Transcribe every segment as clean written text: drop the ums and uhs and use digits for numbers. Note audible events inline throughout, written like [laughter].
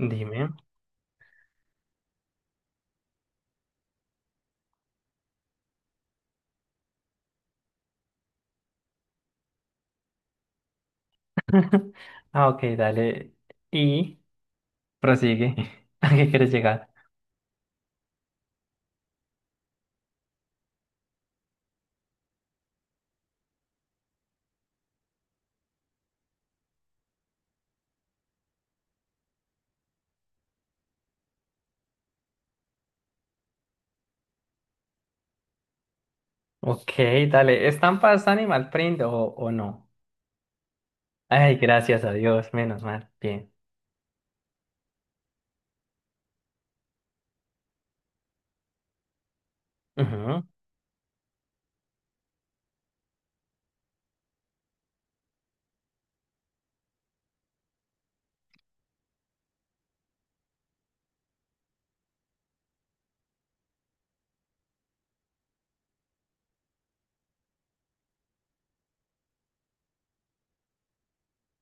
Dime. [laughs] Ah, ok, dale. Y prosigue. [laughs] ¿A qué quieres llegar? Ok, dale. ¿Estampas animal print o no? Ay, gracias a Dios, menos mal. Bien. Ujú.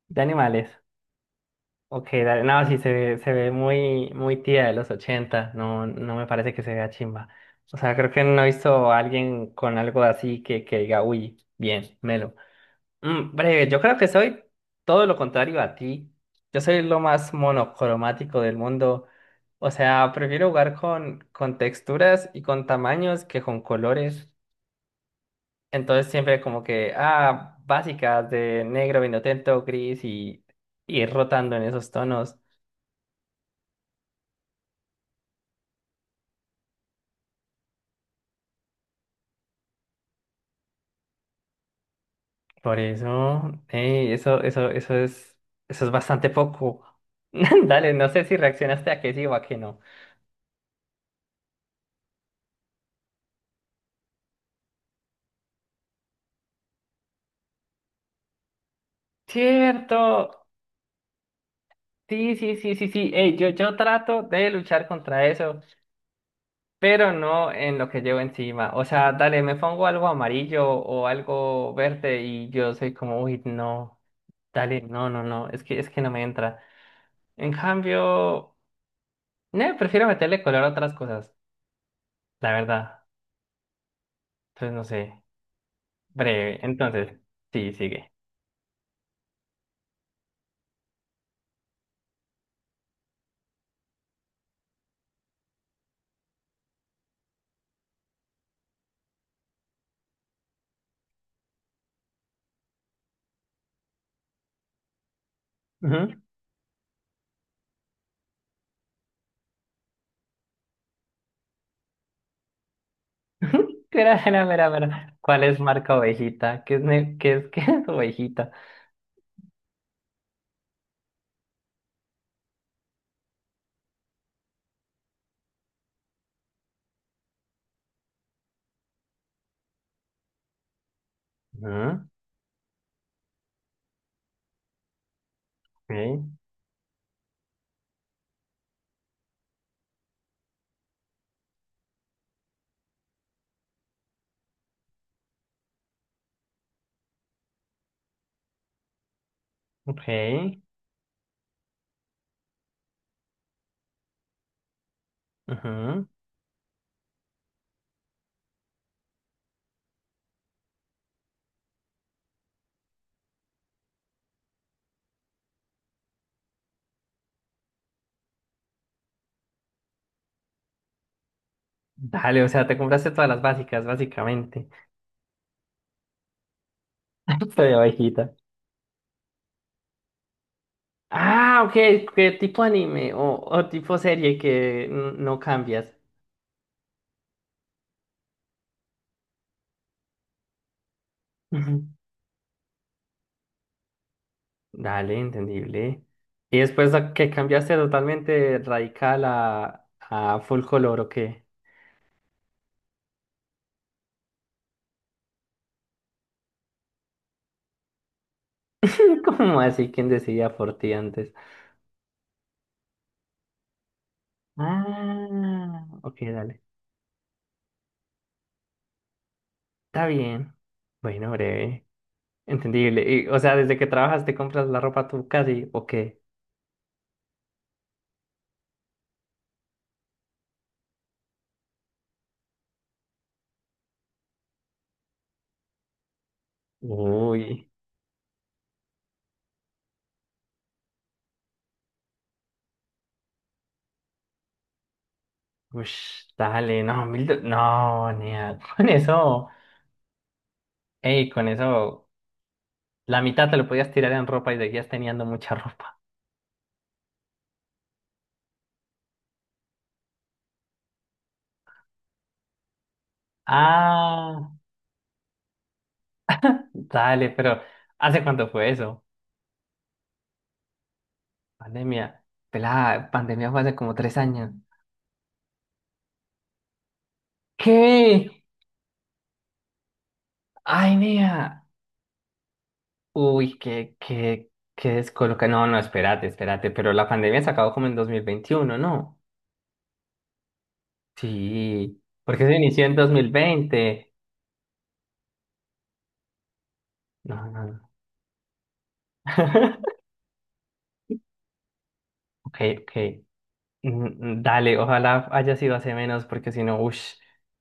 De animales. Ok, dale. No, sí, se ve muy, muy tía de los 80. No, no me parece que se vea chimba. O sea, creo que no he visto a alguien con algo así que diga, uy, bien, melo. Mm, breve, yo creo que soy todo lo contrario a ti. Yo soy lo más monocromático del mundo. O sea, prefiero jugar con texturas y con tamaños que con colores. Entonces siempre como que, ah, básicas de negro, vinotento, gris y ir rotando en esos tonos. Por eso, eso es, eso es bastante poco. [laughs] Dale, no sé si reaccionaste a que sí o a que no. Cierto. Sí, sí, sí, sí, sí. Ey, yo trato de luchar contra eso, pero no en lo que llevo encima. O sea, dale, me pongo algo amarillo o algo verde y yo soy como, uy, no, dale, no, no, no, es que no me entra. En cambio, no, prefiero meterle color a otras cosas, la verdad. Entonces, no sé, breve. Entonces, sí, sigue. Ujú. [laughs] Mira, mira, mira, mira. ¿Cuál es marca ovejita? ¿Qué es, [laughs] qué es ovejita? Ujú. Ok, ok. Ujú. Dale, o sea, te compraste todas las básicas, básicamente. [laughs] Estoy bajita. Ah, ok, ¿qué tipo anime o tipo serie que no cambias? Ujú. Dale, entendible. Y después ¿a que cambiaste totalmente radical a full color, o qué? [laughs] ¿Cómo así? ¿Quién decidía por ti antes? Ah, ok, dale. Está bien. Bueno, breve. Entendible. Y, o sea, desde que trabajas te compras la ropa tú casi, ¿o qué? Uy. Ush, dale, no, mil do- No, nea, [laughs] con eso, ey, con eso, la mitad te lo podías tirar en ropa y seguías teniendo mucha ropa. Ah, dale, pero ¿hace cuánto fue eso? Pandemia. Pelada, pandemia fue hace como tres años. ¿Qué? Ay, nea. Uy, qué descoloca. No, no, espérate, espérate, pero la pandemia se acabó como en 2021, ¿no? Sí, porque se inició en 2020. No, no, no. [laughs] Ok, ok. Mm, Dale, ojalá haya sido hace menos, porque si no, uff,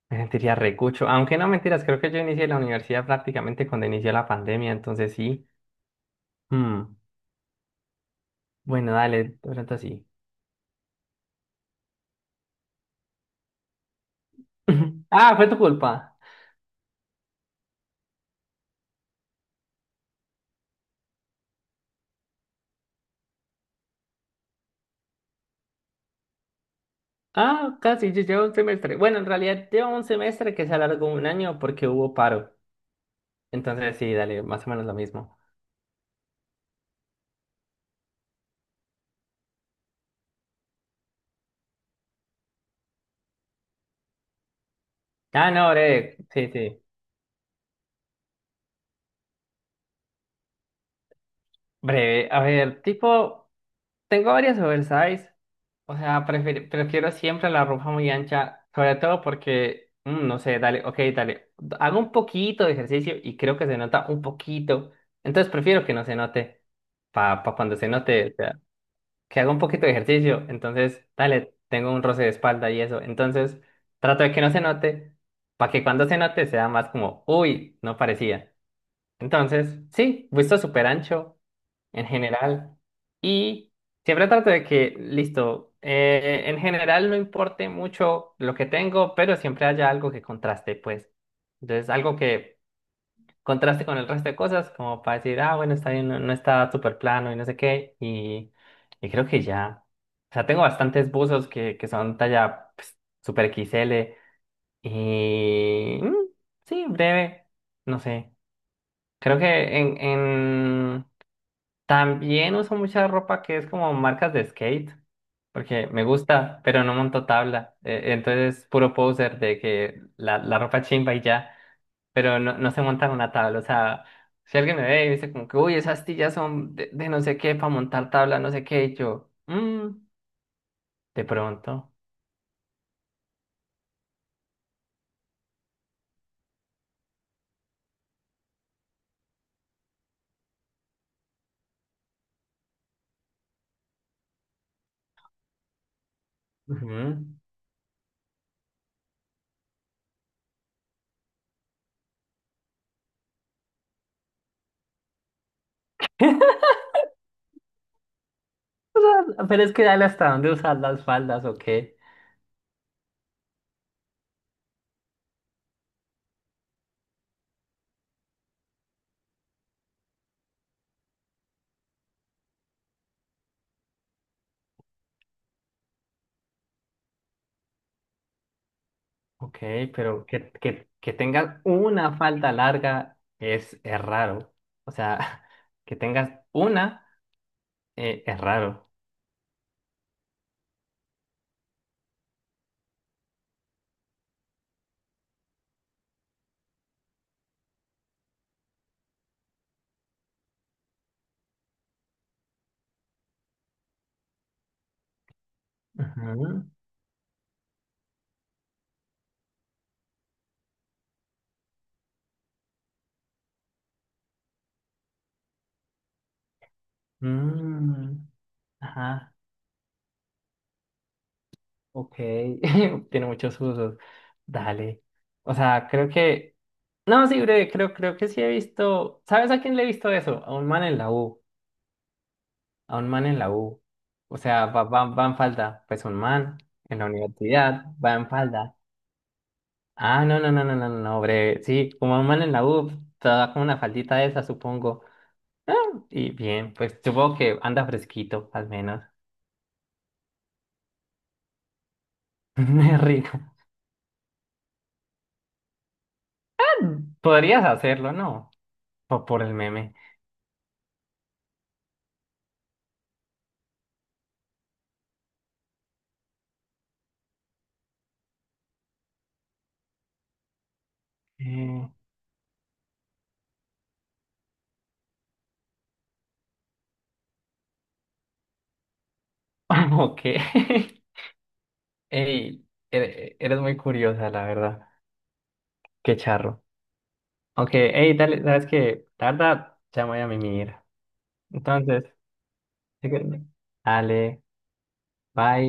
me sentiría recucho. Aunque no mentiras, creo que yo inicié la universidad prácticamente cuando inició la pandemia, entonces sí. Mm. Bueno, dale, de pronto sí. [laughs] Ah, fue tu culpa. Ah, casi, yo llevo un semestre. Bueno, en realidad llevo un semestre que se alargó un año porque hubo paro. Entonces sí, dale, más o menos lo mismo. Ah, no, breve, sí, sí. Breve, a ver, tipo. Tengo varias oversize. O sea, prefiero siempre la ropa muy ancha, sobre todo porque, mm, no sé, dale, ok, dale, hago un poquito de ejercicio y creo que se nota un poquito, entonces prefiero que no se note, para cuando se note, o sea, que haga un poquito de ejercicio, entonces, dale, tengo un roce de espalda y eso, entonces trato de que no se note, para que cuando se note sea más como, uy, no parecía. Entonces, sí, visto súper ancho en general. Y siempre trato de que, listo, en general no importe mucho lo que tengo, pero siempre haya algo que contraste, pues. Entonces, algo que contraste con el resto de cosas, como para decir, ah, bueno, está bien, no, no está súper plano y no sé qué. Y creo que ya. O sea, tengo bastantes buzos que son talla pues, super X L Y mm, sí, breve, no sé. Creo que en también uso mucha ropa que es como marcas de skate, porque me gusta, pero no monto tabla. Entonces, puro poser de que la ropa chimba y ya, pero no, no se monta en una tabla. O sea, si alguien me ve y me dice como que, uy, esas tillas son de no sé qué para montar tabla, no sé qué, y yo, "Mm, de pronto. Ujú". Pero es que dale hasta dónde usar las faldas o qué. Ok, pero que tengas una falda larga es raro. O sea, [laughs] que tengas una es raro. Ujú. Mm, ajá, ok. [laughs] Tiene muchos usos. Dale. O sea, creo que. No, sí, breve, creo que sí he visto. ¿Sabes a quién le he visto eso? A un man en la U. A un man en la U. O sea, va en falda. Pues un man en la universidad va en falda. Ah, no, no, no, no, no, no, no, breve. Sí, como un man en la U, te da como una faldita de esa, supongo. Ah, y bien, pues supongo que anda fresquito, al menos. [laughs] Es rico. Podrías hacerlo, ¿no? Por el meme. Eh, [laughs] ok. [laughs] Ey, eres muy curiosa, la verdad. Qué charro. Ok, ey, dale, sabes que, la verdad, ya me voy a mimir. Entonces, si quieres, dale, bye.